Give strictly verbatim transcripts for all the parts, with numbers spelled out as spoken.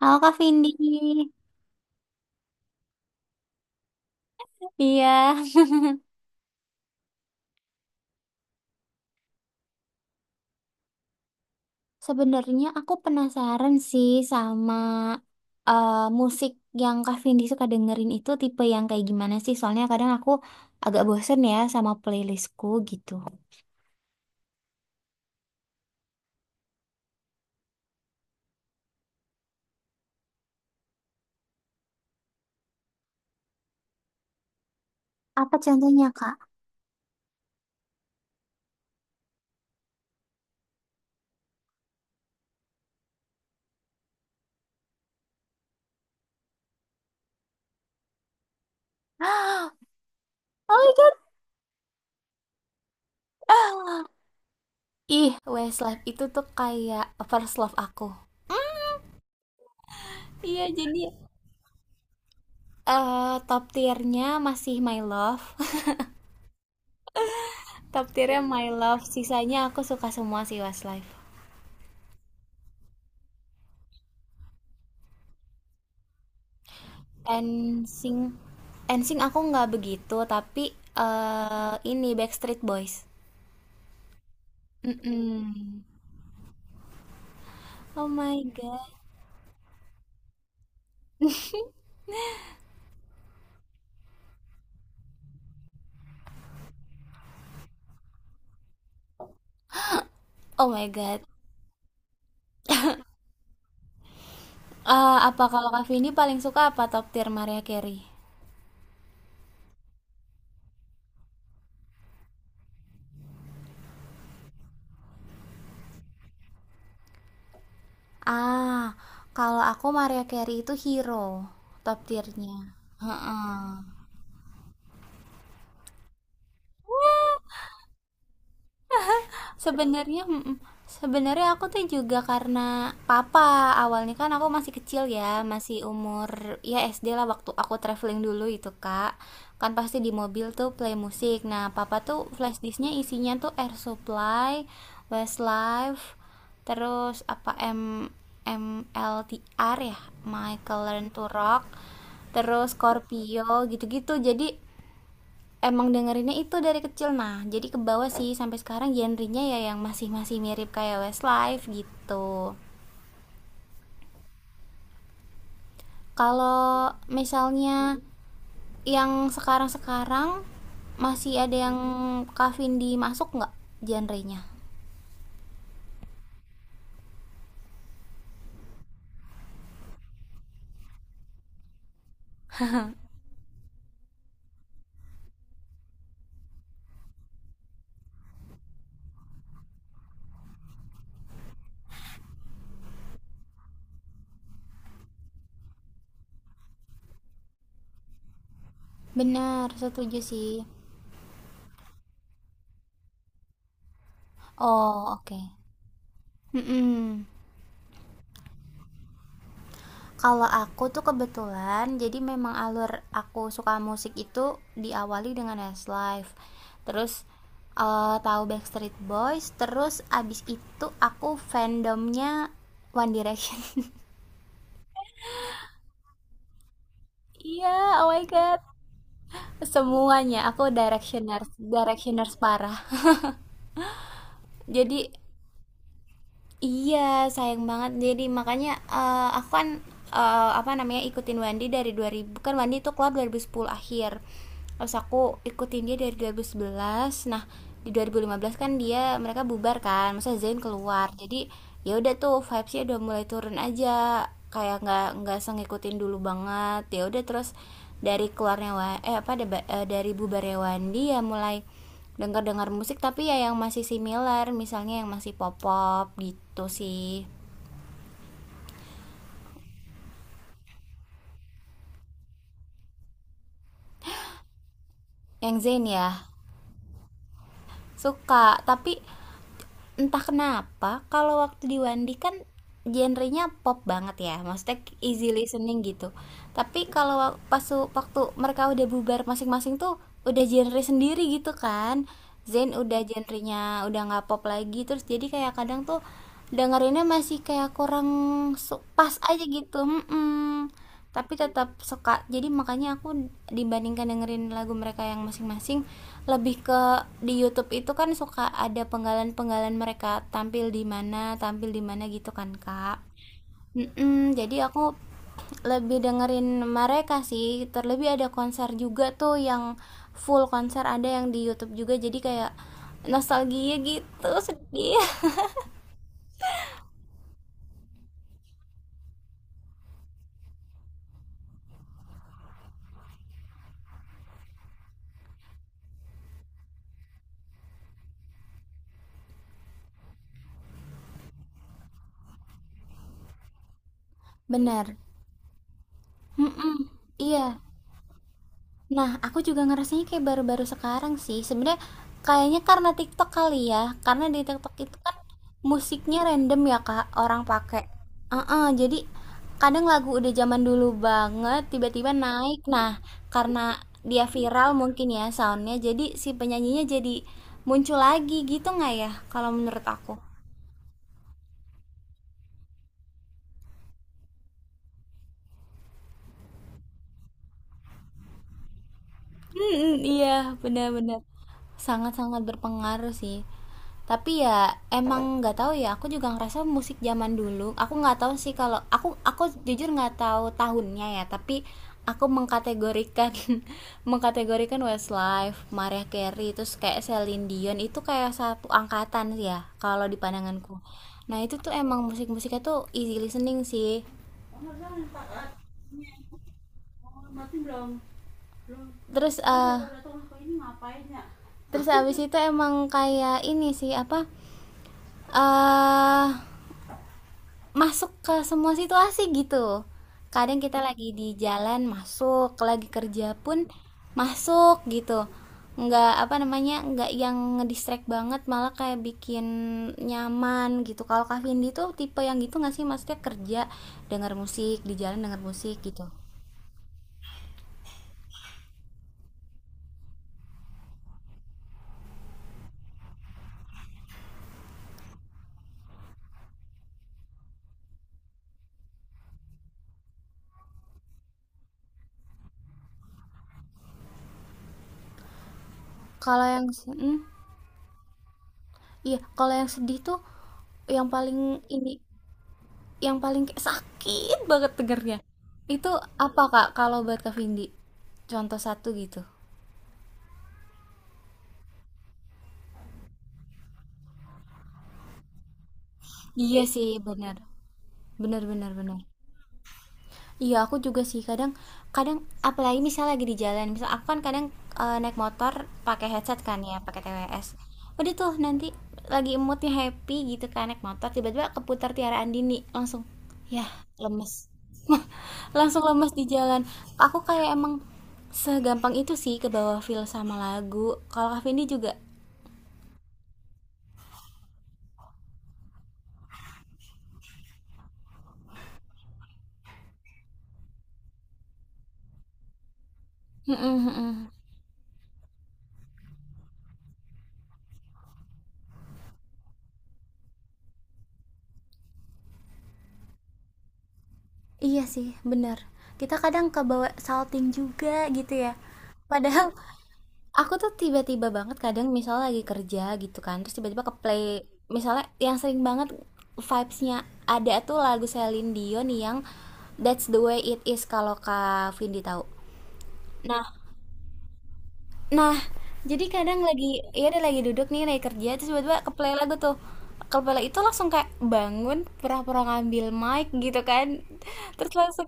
Halo Kak Vindi. Iya. Sebenarnya aku penasaran sih sama eh, musik yang Kak Vindi suka dengerin itu tipe yang kayak gimana sih? Soalnya kadang aku agak bosen ya sama playlistku gitu. Apa contohnya, Kak? Oh my God. Ih, Westlife itu tuh kayak first love aku. Iya, jadi eh top tiernya masih My Love. Top tiernya My Love. Sisanya aku suka semua sih Westlife. And sing en sink aku nggak begitu, tapi eh ini Backstreet Boys. Mm-mm. Oh my god. Oh my god. Eh, apa kalau Kak Vindi paling suka apa top tier Maria Carey? Ah, kalau aku Maria Carey itu hero top tiernya. Heeh. Sebenarnya mm, mm. sebenarnya aku tuh juga karena papa, awalnya kan aku masih kecil ya, masih umur ya S D lah waktu aku traveling dulu itu kak, kan pasti di mobil tuh play musik. Nah papa tuh flash disknya isinya tuh Air Supply, Westlife, terus apa, M M L T R ya, Michael Learn to Rock, terus Scorpio gitu-gitu. Jadi emang dengerinnya itu dari kecil. Nah jadi ke bawah sih sampai sekarang genrenya ya yang masih masih mirip kayak Westlife gitu. Kalau misalnya yang sekarang sekarang masih ada yang Kavin dimasuk nggak genrenya. Benar setuju sih. Oh oke, okay. Mm-mm. Kalau aku tuh kebetulan, jadi memang alur aku suka musik itu diawali dengan Westlife. Terus eh, tahu Backstreet Boys, terus abis itu aku fandomnya One Direction. Iya, yeah, oh my god. Semuanya aku directioners, directioners parah. Jadi iya, sayang banget. Jadi makanya eh, aku kan eh, apa namanya ikutin Wandi dari dua ribu, kan Wandi itu keluar dua ribu sepuluh akhir. Terus aku ikutin dia dari dua ribu sebelas. Nah, di dua ribu lima belas kan dia mereka bubar kan, masa Zain keluar. Jadi ya udah tuh vibesnya udah mulai turun aja. Kayak nggak nggak se ngikutin dulu banget. Ya udah terus dari keluarnya Wa- eh apa deba- eh, dari bubarnya Wandi ya mulai dengar-dengar musik, tapi ya yang masih similar, misalnya yang masih pop-pop gitu sih. Yang Zen ya, suka tapi entah kenapa kalau waktu di Wandi kan genrenya pop banget ya, maksudnya easy listening gitu, tapi kalau pas waktu mereka udah bubar masing-masing tuh udah genre sendiri gitu kan. Zen udah genrenya udah nggak pop lagi, terus jadi kayak kadang tuh dengerinnya masih kayak kurang pas aja gitu. Mm-mm. Tapi tetap suka, jadi makanya aku dibandingkan dengerin lagu mereka yang masing-masing, lebih ke di YouTube itu kan suka ada penggalan-penggalan mereka tampil di mana tampil di mana gitu kan kak. Mm-mm, jadi aku lebih dengerin mereka sih, terlebih ada konser juga tuh yang full konser ada yang di YouTube juga, jadi kayak nostalgia gitu sedih. Benar. Mm-mm. Iya. Nah, aku juga ngerasanya kayak baru-baru sekarang sih. Sebenarnya kayaknya karena TikTok kali ya. Karena di TikTok itu kan musiknya random ya, Kak, orang pakai. Heeh, jadi kadang lagu udah zaman dulu banget tiba-tiba naik. Nah, karena dia viral mungkin ya soundnya, jadi si penyanyinya jadi muncul lagi gitu nggak ya kalau menurut aku. Mhm, iya, benar-benar sangat-sangat berpengaruh sih. Tapi ya emang nggak tahu ya. Aku juga ngerasa musik zaman dulu. Aku nggak tahu sih, kalau aku aku jujur nggak tahu tahunnya ya. Tapi aku mengkategorikan mengkategorikan Westlife, Mariah Carey, terus kayak Celine Dion itu kayak satu angkatan sih ya. Kalau di pandanganku. Nah itu tuh emang musik-musiknya tuh easy listening sih. Terus eh terus abis itu emang kayak ini sih, apa, eh masuk ke semua situasi gitu. Kadang kita lagi di jalan masuk, lagi kerja pun masuk gitu, nggak apa namanya, nggak yang ngedistract banget, malah kayak bikin nyaman gitu. Kalau Kak Vindi tuh tipe yang gitu nggak sih, maksudnya kerja denger musik, di jalan denger musik gitu. Kalau yang si, hmm? Iya, kalau yang sedih tuh yang paling ini, yang paling kayak sakit banget dengernya. Itu apa Kak kalau buat Kak Vindi? Contoh satu gitu. Iya sih, benar. Benar, benar, benar. Iya, aku juga sih kadang kadang apalagi misal lagi di jalan, misal aku kan kadang eh, naik motor pakai headset kan ya, pakai T W S. Udah tuh nanti lagi moodnya happy gitu kan, naik motor tiba-tiba keputar Tiara Andini, langsung ya lemes. Langsung lemes di jalan. Aku kayak emang segampang itu sih ke bawah feel sama lagu. Kalau Kak Vindi juga. Mm-mm, mm-mm. Iya sih, benar. Kita kadang kebawa salting juga gitu ya. Padahal aku tuh tiba-tiba banget kadang misalnya lagi kerja gitu kan, terus tiba-tiba ke play misalnya yang sering banget vibes-nya, ada tuh lagu Celine Dion yang That's the Way It Is, kalau Kak Vindi tahu. Nah, nah, jadi kadang lagi ya, ada lagi duduk nih, lagi kerja, terus tiba-tiba ke lagu tuh. Ke itu langsung kayak bangun, pura-pura ngambil mic gitu kan. Terus langsung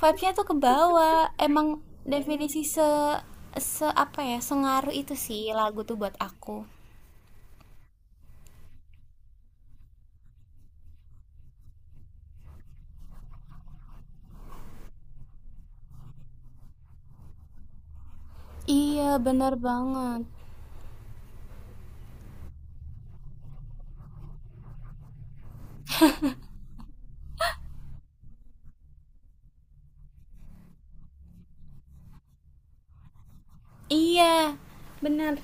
vibe-nya tuh ke bawah. Emang definisi se se apa ya, sengaruh itu sih lagu tuh buat aku. Iya, bener banget. Iya, bener,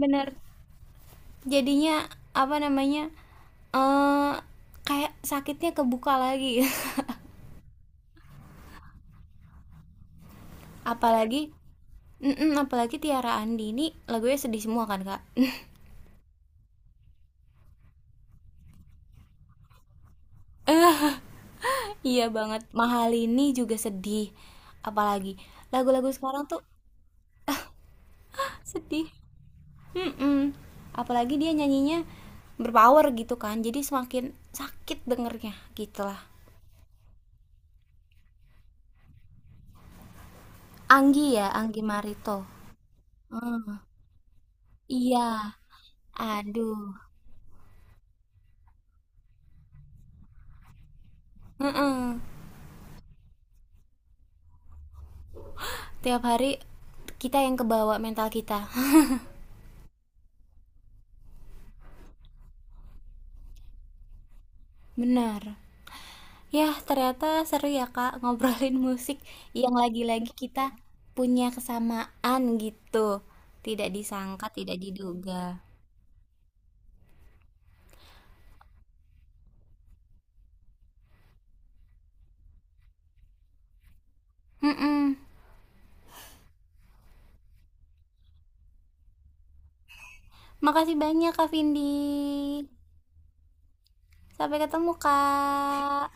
bener. Jadinya apa namanya? eh Kayak sakitnya kebuka lagi. Apalagi mm-mm, apalagi Tiara Andi ini lagunya sedih semua kan kak. Iya banget, mahal ini juga sedih. Apalagi lagu-lagu sekarang tuh sedih. Mm-mm. Apalagi dia nyanyinya berpower gitu kan, jadi semakin sakit dengernya gitulah. Anggi ya, Anggi Marito. Hmm, iya, aduh. Mm-mm. Tiap hari kita yang kebawa, mental kita. Benar. Yah, ternyata seru ya Kak ngobrolin musik yang lagi-lagi kita punya kesamaan gitu. Tidak disangka, tidak diduga. Mm-mm. Makasih banyak Kak Vindi. Sampai ketemu Kak.